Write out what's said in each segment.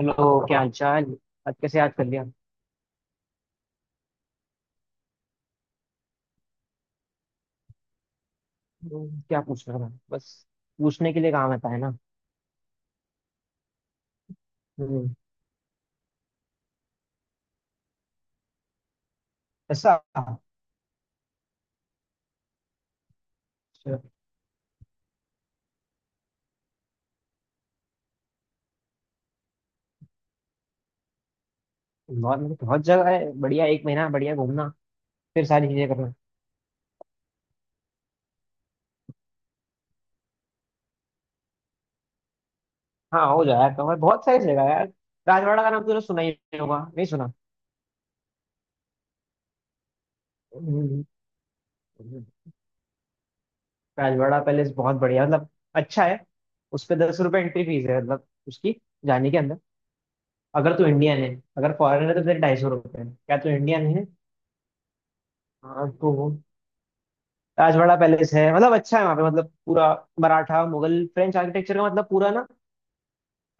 Hello. क्या हाल चाल। आज कैसे याद कर लिया। क्या पूछ रहा था बस। पूछने के लिए काम आता है ना। हम्म। ऐसा अच्छा। बहुत मतलब बहुत जगह है। बढ़िया एक महीना बढ़िया घूमना फिर सारी चीजें करना। हाँ हो जाए तो मैं बहुत सारी जगह है यार। राजवाड़ा का नाम तो तूने सुना ही होगा, नहीं सुना। हम्म, हम्म। राजवाड़ा पैलेस बहुत बढ़िया मतलब अच्छा है। उस पे 10 रुपये एंट्री फीस है मतलब उसकी जाने के अंदर अगर तू इंडियन है। अगर फॉरेनर है तो फिर 250 रुपये है। क्या तू इंडियन है? हाँ तो राजवाड़ा पैलेस है मतलब अच्छा है। वहाँ पे मतलब पूरा मराठा मुगल फ्रेंच आर्किटेक्चर का मतलब पूरा ना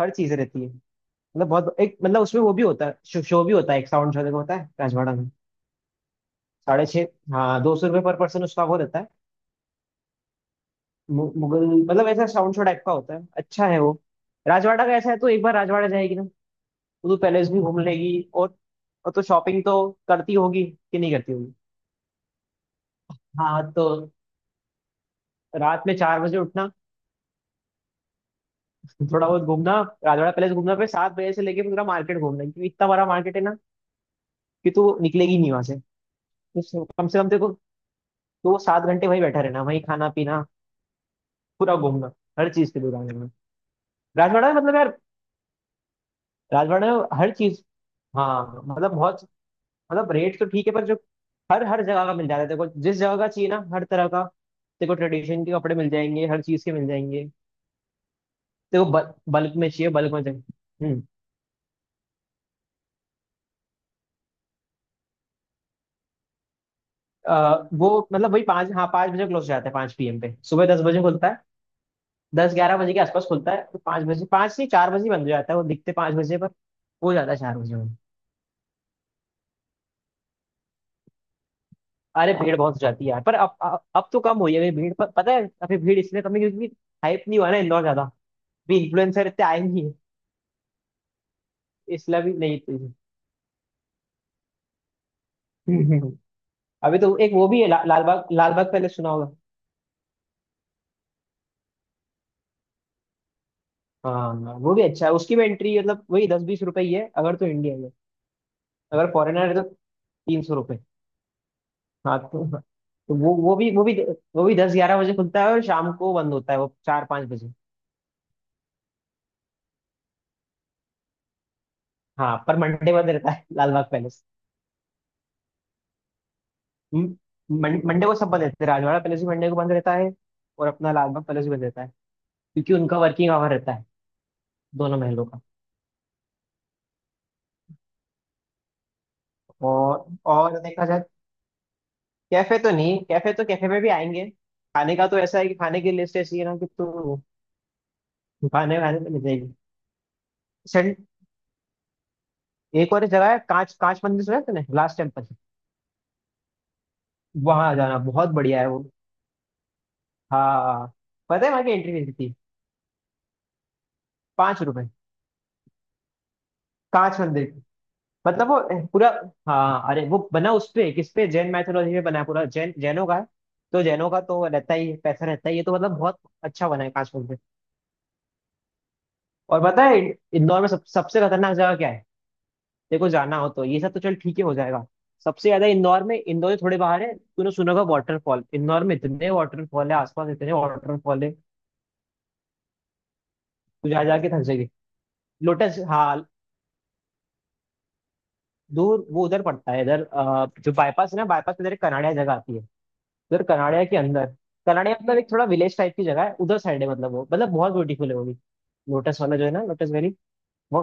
हर चीज रहती है। मतलब बहुत एक मतलब उसमें वो भी होता है शो भी होता है। एक साउंड शो देखो होता है राजवाड़ा में 6:30। हाँ 200 रुपये पर पर्सन उसका वो रहता है। मुगल मतलब ऐसा साउंड शो टाइप का होता है, अच्छा है वो। राजवाड़ा का ऐसा है तो एक बार राजवाड़ा जाएगी ना, तो तू पैलेस भी घूम लेगी और तो शॉपिंग तो करती होगी कि नहीं करती होगी। हाँ तो रात में 4 बजे उठना, थोड़ा बहुत घूमना, राजवाड़ा पैलेस घूमना, फिर 7 बजे से लेके पूरा मार्केट घूमना क्योंकि इतना बड़ा मार्केट है ना कि तू निकलेगी नहीं वहां से। तो कम से कम तेरे को दो सात घंटे वहीं बैठा रहना, वहीं खाना पीना, पूरा घूमना, हर चीज की दुकान में। राजवाड़ा में मतलब यार, राजवाड़ा में हर चीज। हाँ मतलब बहुत, मतलब रेट तो ठीक है पर जो हर हर जगह का मिल जाता है तेरे को, जिस जगह का चाहिए ना हर तरह का। तेरे को ट्रेडिशन के कपड़े मिल जाएंगे, हर चीज के मिल जाएंगे तेरे को, बल्क में चाहिए बल्क में चाहिए। हम्म। वो मतलब वही पाँच, हाँ 5 बजे क्लोज हो जाता है, 5 पी एम पे। सुबह 10 बजे खुलता है, 10-11 बजे के आसपास खुलता है। तो 5 बजे, 5 से 4 बजे बंद हो जाता है वो। दिखते 5 बजे पर हो जाता है 4 बजे में। अरे भीड़ बहुत हो जाती है यार, पर अब तो कम हुई है अभी भीड़। पर पता है अभी भीड़ इसलिए कम है क्योंकि हाइप नहीं हुआ ना इंदौर ज्यादा। अभी इन्फ्लुएंसर इतने आए नहीं है, इसलिए भी नहीं इतनी। अभी तो एक वो भी है, ला, लालबाग लालबाग पहले सुना होगा। हाँ हाँ, वो भी अच्छा है, उसकी भी एंट्री मतलब वही 10-20 रुपए ही है अगर तो इंडिया में। अगर फॉरेनर है तो 300। हाँ तो वो भी 10-11 बजे खुलता है और शाम को बंद होता है वो 4-5 बजे। हाँ पर मंडे बंद रहता है लाल बाग पैलेस। म- मंडे को सब बंद रहते हैं। राजवाड़ा पैलेस भी मंडे को बंद रहता है, और अपना लाल बाग पैलेस भी बंद रहता है, क्योंकि उनका वर्किंग आवर रहता है दोनों महलों का। और और देखा जाए, कैफे तो नहीं, कैफे तो कैफे में भी आएंगे। खाने का तो ऐसा है कि खाने की लिस्ट ऐसी है ना कि तू खाने खाने तो मिल जाएगी। सन- एक और जगह है, कांच कांच मंदिर सुना है तूने, लास्ट टेम्पल। वहां जाना बहुत बढ़िया है वो। हाँ पता है वहां की एंट्री फीस थी, 5 रुपए, कांच मंदिर की। मतलब वो पूरा, हाँ अरे वो बना उस पे, किस पे, जैन मैथोलॉजी पे बना है पूरा, जैन, जैनों का है तो। जैनों का तो रहता ही है, पैसा रहता ही है तो, मतलब बहुत अच्छा बना है कांच मंदिर। और पता है इंदौर में सबसे खतरनाक जगह क्या है? देखो जाना हो तो ये सब तो चल ठीक ही हो जाएगा। सबसे ज्यादा इंदौर में, इंदौर से थोड़े बाहर है, तूने सुना होगा वाटरफॉल। इंदौर में इतने वाटरफॉल है, आसपास इतने वाटरफॉल है, तू जा जाके थक जाएगी। लोटस हाँ, दूर वो उधर पड़ता है। इधर जो बाईपास है ना, बाईपास के इधर एक कनाड़िया जगह आती है। उधर कनाड़िया के अंदर, कनाड़िया मतलब एक थोड़ा विलेज टाइप की जगह है, उधर साइड है, मतलब वो मतलब बहुत ब्यूटीफुल है वो भी, लोटस वाला जो है ना, लोटस वैली। वो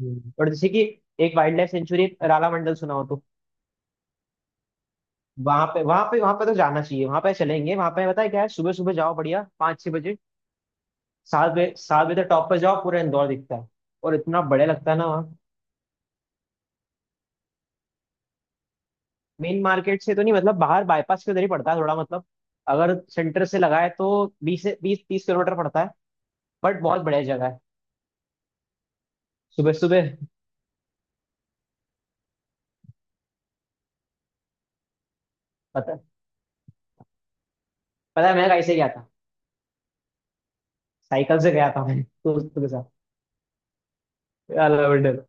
और जैसे कि एक wildlife sanctuary Ralamandal सुना हो तो, वहां पे तो जाना चाहिए। वहां पे चलेंगे वहां पे, पता है क्या है? सुबह सुबह जाओ बढ़िया, 5-6 बजे 7 बजे, 7 बजे तक टॉप पर जाओ, पूरा इंदौर दिखता है, और इतना बढ़िया लगता है ना। मेन मार्केट से तो नहीं मतलब, बाहर बाईपास के उधर ही पड़ता है थोड़ा, मतलब अगर सेंटर से लगाए तो बीस से बीस तीस किलोमीटर पड़ता है। बट बहुत बढ़िया जगह है। सुबह सुबह पता पता है मैं कैसे गया था? साइकिल से गया था मैं दोस्तों के साथ। यार लवेंडर,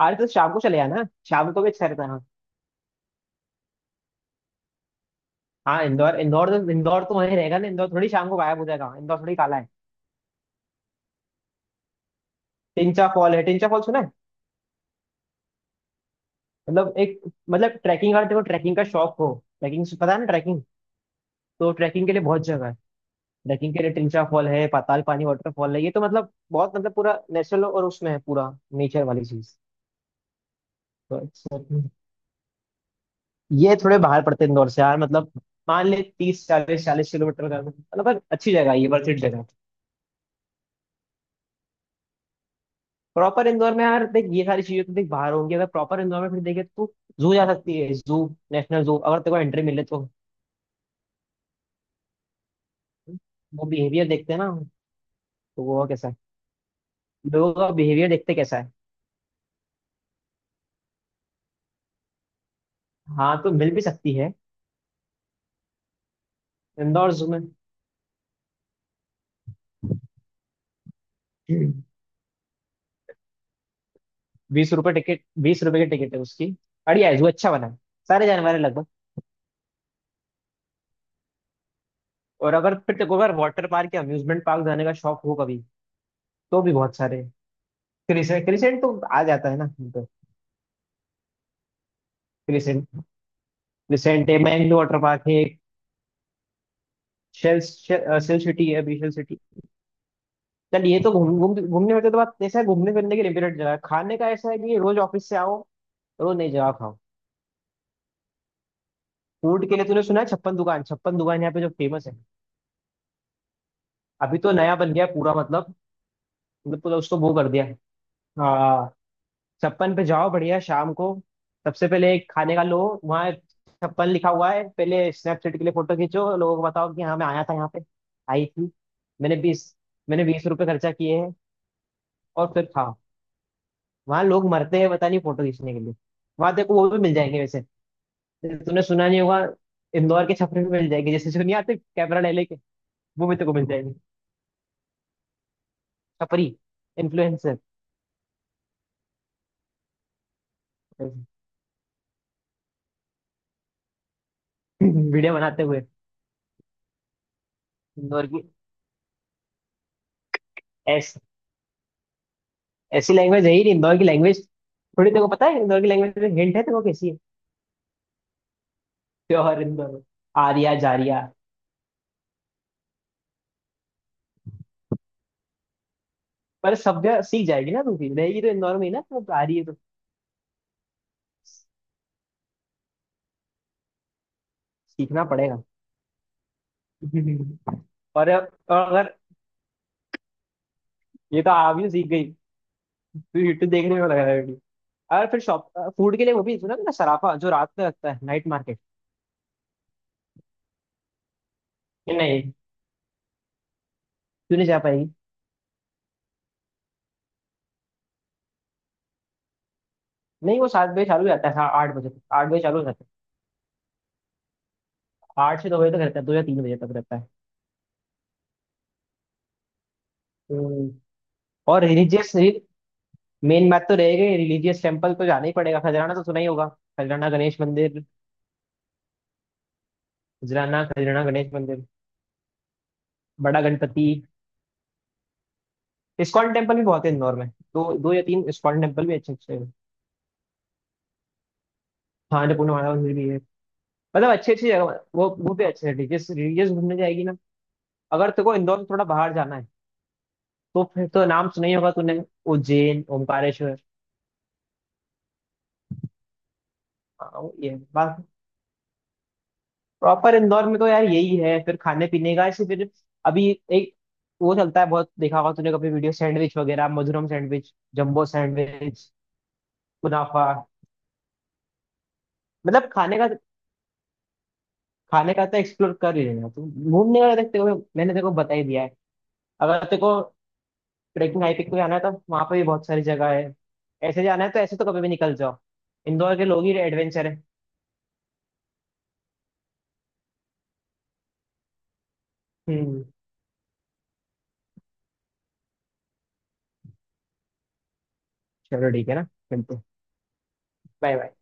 अरे तो शाम को चले आना, शाम को भी अच्छा रहता है। हाँ हाँ इंदौर इंदौर तो वहीं रहेगा ना, इंदौर थोड़ी शाम को गायब हो जाएगा। हाँ, इंदौर थोड़ी काला है। टिंचा फॉल है, टिंचा फॉल सुना है? मतलब एक, मतलब ट्रैकिंग, अगर देखो ट्रैकिंग का शौक हो, ट्रैकिंग पता है ना ट्रैकिंग, तो ट्रैकिंग के लिए बहुत जगह है। ट्रैकिंग के लिए ट्रिंचा फॉल है, पाताल पानी वाटरफॉल है, ये तो मतलब बहुत, मतलब पूरा नेचुरल और उसमें है पूरा नेचर वाली चीज। तो ये थोड़े बाहर पड़ते हैं इंदौर से यार, मतलब मान ले तीस चालीस चालीस किलोमीटर का मतलब, पर अच्छी जगह है ये, वर्थ इट जगह। प्रॉपर इंदौर में यार देख, ये सारी चीजें तो देख बाहर होंगी। अगर प्रॉपर इंदौर में फिर देखे तो जू जा सकती है। जू, नेशनल जू, अगर तेरे को एंट्री मिले तो। वो बिहेवियर देखते हैं ना, तो वो कैसा है, लोगों का बिहेवियर देखते कैसा है। हाँ तो मिल भी सकती है। इंदौर जू में 20 रुपए टिकट, 20 रुपए की टिकट है उसकी। बढ़िया है जू, अच्छा बना है, सारे जानवर हैं लगभग। और अगर फिर देखो, अगर वाटर पार्क या अम्यूजमेंट पार्क जाने का शौक हो कभी, तो भी बहुत सारे हैं। क्रिसेंट क्रिसेंट तो आ जाता है ना। तो क्रिसेंट, क्रिसेंट है, मैंगलो वाटर पार्क है एक, शेल शेल सिटी है, अभी शेल सिटी। चल ये तो घूम घूम घूमने फिरने तो बात, ऐसा है घूमने फिरने की लिमिटेड जगह है। खाने का ऐसा है कि रोज ऑफिस से आओ, रोज नई जगह खाओ। फूड के लिए तूने सुना है छप्पन दुकान, छप्पन दुकान यहाँ पे जो फेमस है। अभी तो नया बन गया है पूरा मतलब, मतलब पूरा उसको वो कर दिया है। छप्पन पे जाओ बढ़िया शाम को, सबसे पहले एक खाने का लो। वहाँ छप्पन लिखा हुआ है, पहले स्नैपचैट के लिए फोटो खींचो, लोगों को बताओ कि हाँ मैं आया था यहाँ पे, आई थी, मैंने बीस मैंने बीस रुपए खर्चा किए हैं, और फिर खाओ। वहाँ लोग मरते हैं पता नहीं फोटो खींचने के लिए। वहाँ देखो वो भी मिल जाएंगे वैसे, जैसे तुमने सुना नहीं होगा, इंदौर के छपरी भी मिल जाएंगे, जैसे जो नहीं आते कैमरा ले लेके, वो भी तेरे को मिल जाएंगे, छपरी इन्फ्लुएंसर, वीडियो बनाते हुए। इंदौर की ऐसी लैंग्वेज है ही नहीं, इंदौर की लैंग्वेज थोड़ी, तेरे को पता है इंदौर की लैंग्वेज में हिंट है, तेरे को कैसी है प्योर इंदौर में। आर्या जारिया, पर सभ्य सीख जाएगी ना, तू भी रहेगी तो इंदौर में ही ना, तो आ रही है तो सीखना पड़ेगा। और अगर ये तो आप ही सीख गई, तू यूट्यूब देखने में लगा रहेगी। और फिर शॉप, फूड के लिए वो भी सुना ना सराफा, जो रात में लगता है नाइट मार्केट। नहीं तू नहीं जा पाएगी। नहीं वो 7 बजे चालू हो जाता है, हाँ 8 बजे तक, 8 बजे चालू हो जाता है, 8 से 2 बजे तक रहता है, 2 या 3 बजे तक रहता है। हम्म। और रिलीजियस, मेन बात तो रह गई। रिलीजियस टेम्पल तो जाना ही पड़ेगा, खजराना तो सुना ही होगा, खजराना गणेश मंदिर, खजराना, खजराना गणेश मंदिर, बड़ा गणपति। इस्कॉन टेम्पल भी बहुत है इंदौर में, दो दो या तीन इस्कॉन टेम्पल भी अच्छे अच्छे हैं। हाँ अन्नपूर्णा माता मंदिर भी है, मतलब अच्छी अच्छी जगह। वो भी अच्छे हैं, रिलीजियस रिलीजियस घूमने जाएगी ना। अगर तेरे को इंदौर से थोड़ा बाहर जाना है, तो फिर तो नाम सुना ही होगा तूने, उज्जैन ओमकारेश्वर। हाँ, वो ये है। प्रॉपर इंदौर में तो यार यही है, फिर खाने पीने का ऐसे। फिर अभी एक वो चलता है बहुत, देखा होगा तूने कभी वीडियो, सैंडविच वगैरह, मधुरम सैंडविच, जंबो सैंडविच, कुनाफा। मतलब खाने का, खाने का तो एक्सप्लोर कर ही लेना तो। घूमने का देखते हुए मैंने तेरे को बता ही दिया है। अगर तेरे को ट्रेकिंग हाइकिंग पे जाना है, तो वहां पे भी बहुत सारी जगह है। ऐसे जाना है तो ऐसे तो कभी भी निकल जाओ। इंदौर के लोग ही एडवेंचर है। हम्म। चलो ठीक है ना, मिलते हैं, बाय बाय।